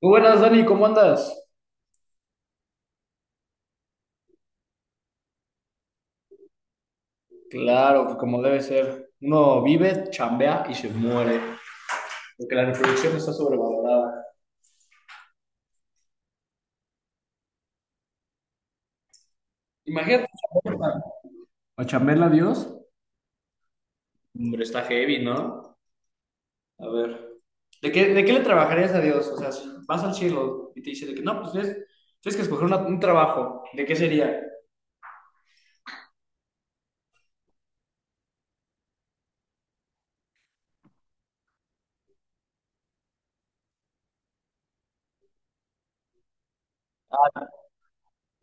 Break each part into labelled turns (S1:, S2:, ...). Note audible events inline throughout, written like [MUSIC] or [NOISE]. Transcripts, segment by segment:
S1: Muy buenas, Dani, ¿cómo andas? Claro, que como debe ser. Uno vive, chambea y se muere. Porque la reproducción está sobrevalorada. Imagínate chambearla. ¿A chambearla a Dios? Hombre, está heavy, ¿no? A ver. ¿De qué le trabajarías a Dios? O sea, si vas al cielo y te dice de que no, pues tienes que escoger un trabajo. ¿De qué sería?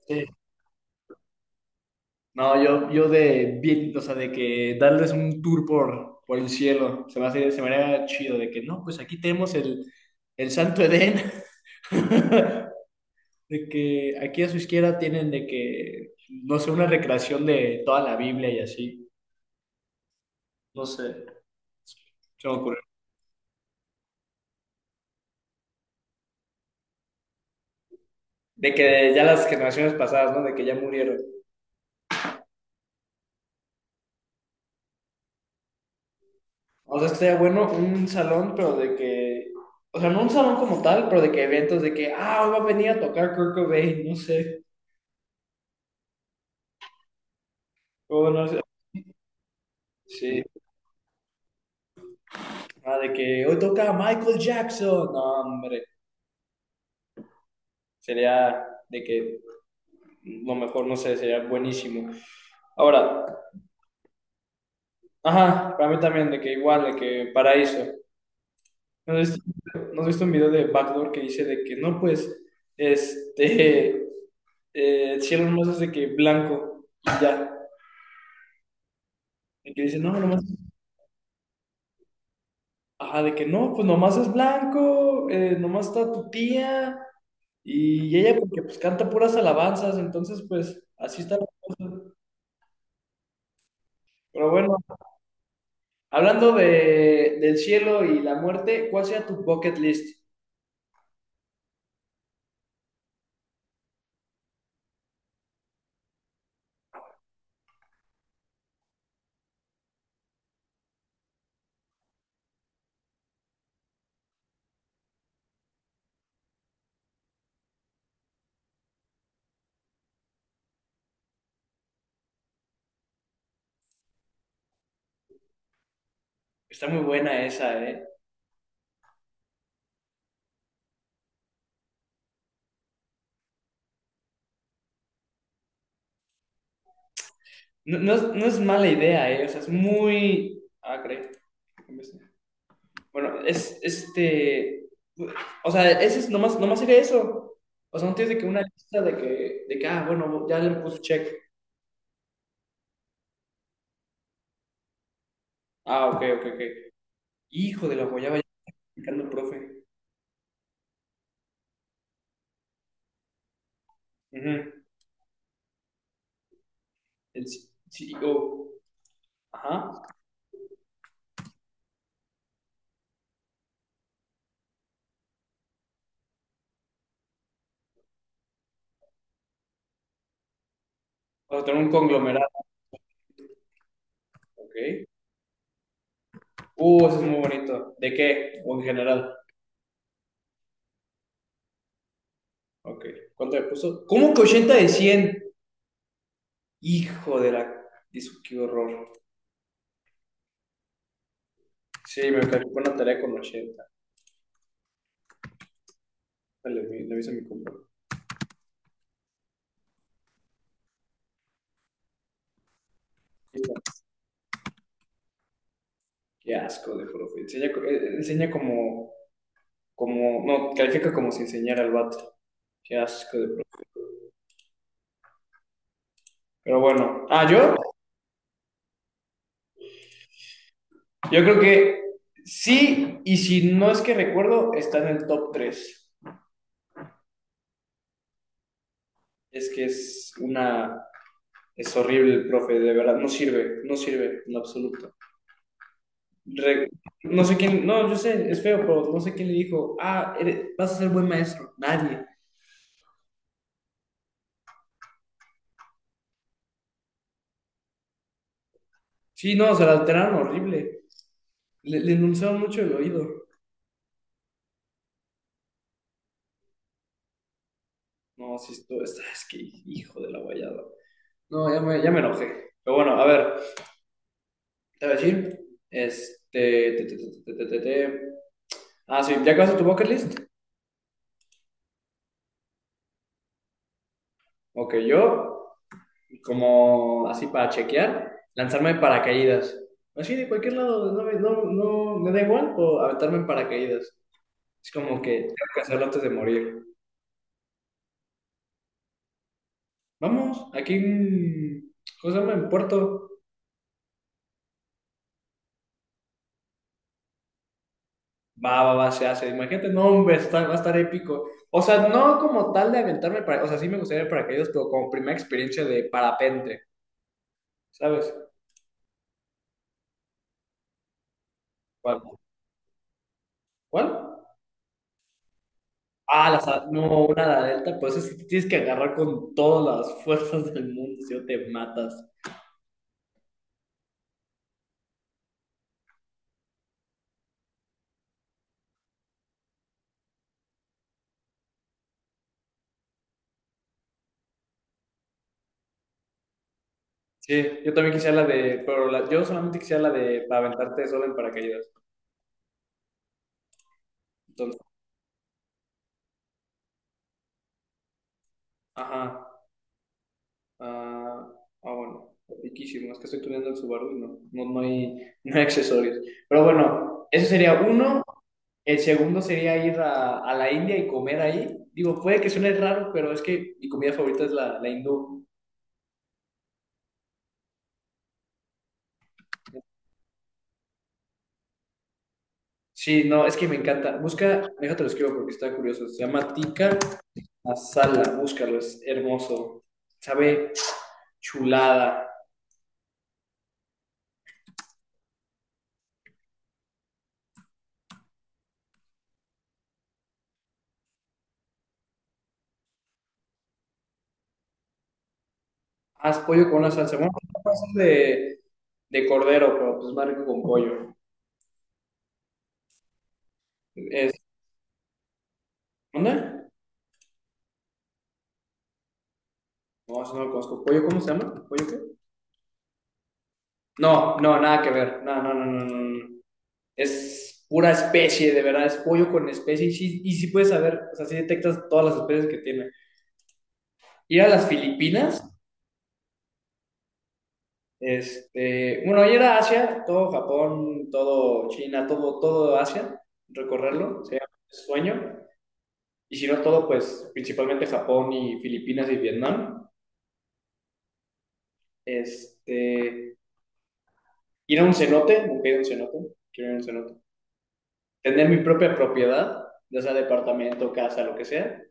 S1: Sí. No, yo de bien, o sea, de que darles un tour por el cielo. Se me hace, se me haría chido de que no, pues aquí tenemos el Santo Edén. [LAUGHS] De que aquí a su izquierda tienen de que, no sé, una recreación de toda la Biblia y así. No sé, se me ocurre. De que ya las generaciones pasadas, ¿no? De que ya murieron. O sea, estaría bueno un salón, pero de que, o sea, no un salón como tal, pero de que eventos de que, ah, hoy va a venir a tocar Kurt Cobain, no sé. O bueno, no sé. Sí. Ah, de que hoy toca Michael Jackson. No, hombre. Sería de que lo mejor, no sé, sería buenísimo. Ahora, ajá, para mí también, de que igual, de que paraíso. ¿No has visto, no has visto un video de Backdoor que dice de que no, pues, este, [LAUGHS] el cielo nomás es de que blanco y ya? De que dice, no, nomás, ajá, de que no, pues nomás es blanco, nomás está tu tía y ella porque pues canta puras alabanzas, entonces pues así está la cosa. Pero bueno, hablando del cielo y la muerte, ¿cuál sería tu bucket list? Está muy buena esa, ¿eh? No, no es mala idea, ¿eh? O sea, es muy... Ah, creo. Bueno, es este... O sea, ese es nomás sería eso. O sea, no tienes de que una lista de que, ah, bueno, ya le puso check. Ah, ok, ok, ok. Hijo de la guayaba, ya está explicando el profe. Ujú. El CEO. Ajá. O sea, tener un conglomerado. Ok. Eso es muy bonito. ¿De qué? O en general. Ok. ¿Cuánto le puso? ¿Cómo que 80 de cien? Hijo de la... Dice, qué horror. Sí, me calificó una tarea con ochenta. Le, le aviso a mi compa. Qué asco de profe. Enseña, enseña como, como, no, califica como si enseñara al vato. Qué asco de profe. Pero bueno. Ah, yo creo que sí, y si no es que recuerdo, está en el top tres. Es que es una, es horrible el profe, de verdad, no sirve, no sirve en lo absoluto. Re- no sé quién, no, yo sé, es feo, pero no sé quién le dijo, ah, vas a ser buen maestro. Nadie. Sí, no, se la alteraron horrible. Le endulzaron mucho el oído. No, sí, esto está, es que hijo de la guayada. No, ya me enojé. Pero bueno, a ver, te voy a decir. Este. Te, te, te, te, te, te, te. Ah, sí, ¿ya acabaste tu bucket list? Ok, yo, como así para chequear, lanzarme en paracaídas. Así de cualquier lado, no, no, no me da igual, o aventarme en paracaídas. Es como que tengo que hacerlo antes de morir. Vamos, aquí en. ¿Cómo se llama? En Puerto. Va, va, va, se hace. Imagínate, no, hombre, está- va a estar épico. O sea, no como tal de aventarme para, o sea, sí me gustaría ir para paracaídas, pero como primera experiencia de parapente, ¿sabes? ¿Cuál? ¿Cuál? Ah, no, una la delta, pues es, tienes que agarrar con todas las [LAUGHS] fuerzas del mundo, si no te matas. Sí, yo también quisiera la de, pero yo solamente quisiera la de para aventarte solo en paracaídas. Entonces, ajá. Ah, ah, bueno, riquísimo. Es que estoy tuneando el Subaru y no hay, no hay accesorios. Pero bueno, eso sería uno. El segundo sería ir a la India y comer ahí. Digo, puede que suene raro, pero es que mi comida favorita es la hindú. Sí, no, es que me encanta. Busca, déjate lo escribo porque está curioso. Se llama tikka masala. Búscalo, es hermoso. Sabe chulada. Haz pollo con una salsa. Bueno, no puede ser de cordero, pero pues más rico con pollo. Es, ¿dónde? No, eso no lo conozco. ¿Pollo cómo se llama? ¿Pollo qué? No, no, nada que ver. No, no, no, no, no, no. Es pura especie, de verdad, es pollo con especie. Y sí puedes saber, o sea, sí detectas todas las especies que tiene. Ir a las Filipinas, este, bueno, ir a Asia, todo Japón, todo China, todo, todo Asia, recorrerlo, sería un sueño. Y si no todo, pues principalmente Japón y Filipinas y Vietnam. Este, ir a un cenote, nunca he ido a un cenote, quiero ir a un cenote. Tener mi propia propiedad, ya sea departamento, casa, lo que sea.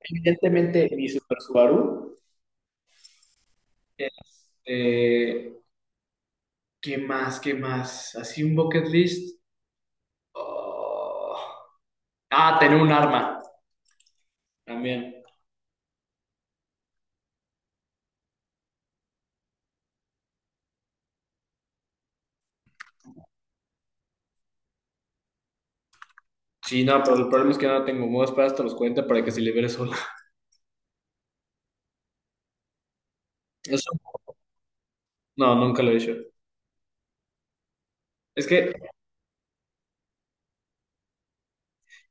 S1: Evidentemente, mi Super Subaru. Este, ¿qué más? ¿Qué más? Así un bucket list. Oh. Ah, tener un arma también. Sí, no, pero el problema es que no la tengo. Me voy a esperar hasta los 40 para que se libere sola. Eso, no, nunca lo he hecho. Es que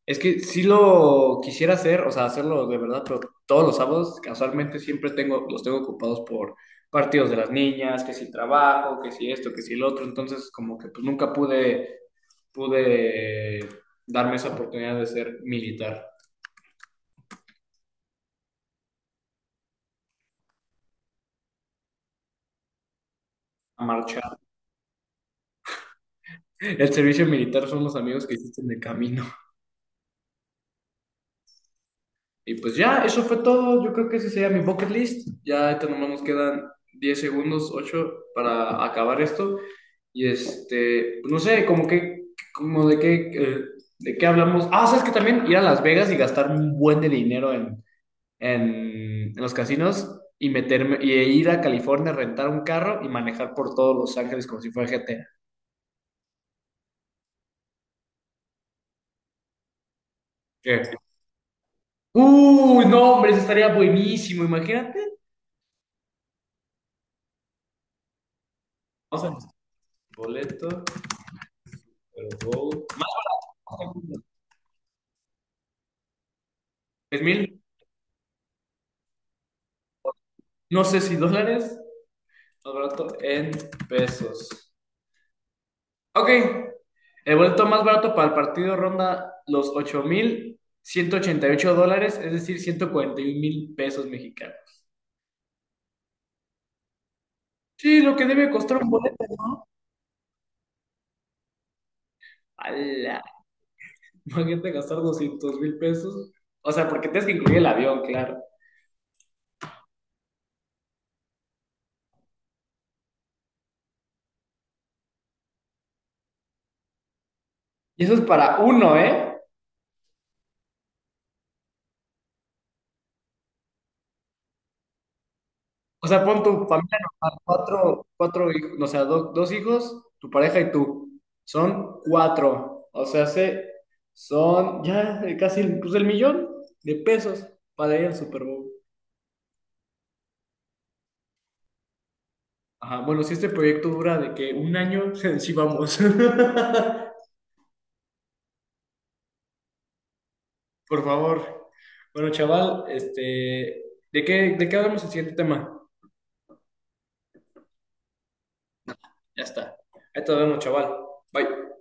S1: es que sí lo quisiera hacer, o sea, hacerlo de verdad, pero todos los sábados casualmente siempre tengo, los tengo ocupados por partidos de las niñas, que si trabajo, que si esto, que si el otro, entonces como que pues nunca pude, pude darme esa oportunidad de ser militar, a marchar. El servicio militar son los amigos que hiciste en el camino. Y pues ya, eso fue todo, yo creo que ese sería mi bucket list, ya ahorita nomás nos quedan 10 segundos, 8 para acabar esto. Y este, pues, no sé, como que, como de qué hablamos. Ah, sabes que también ir a Las Vegas y gastar un buen de dinero en los casinos y meterme, y ir a California, rentar un carro y manejar por todos Los Ángeles como si fuera GTA. ¿Qué? Uy, no, hombre, eso estaría buenísimo, imagínate. Vamos a buscar boleto, pero go. 3.000, no sé si dólares, más barato en pesos. Ok, el boleto más barato para el partido ronda los 8.188 dólares, es decir, 141 mil pesos mexicanos. Sí, lo que debe costar un boleto. ¡Hala! Imagínate gastar 200.000 pesos. O sea, porque tienes que incluir el avión, claro. Y eso es para uno, ¿eh? O sea, pon tu familia normal, cuatro, cuatro hijos, o sea, dos hijos, tu pareja y tú. Son cuatro. O sea, se, son ya casi pues, el millón de pesos para ir al Super Bowl. Ajá, bueno, si este proyecto dura de que un año, [LAUGHS] sí vamos. [LAUGHS] Por favor. Bueno, chaval, este, ¿de qué hablamos el siguiente tema? Ya está. Ahí te vemos, chaval. Bye.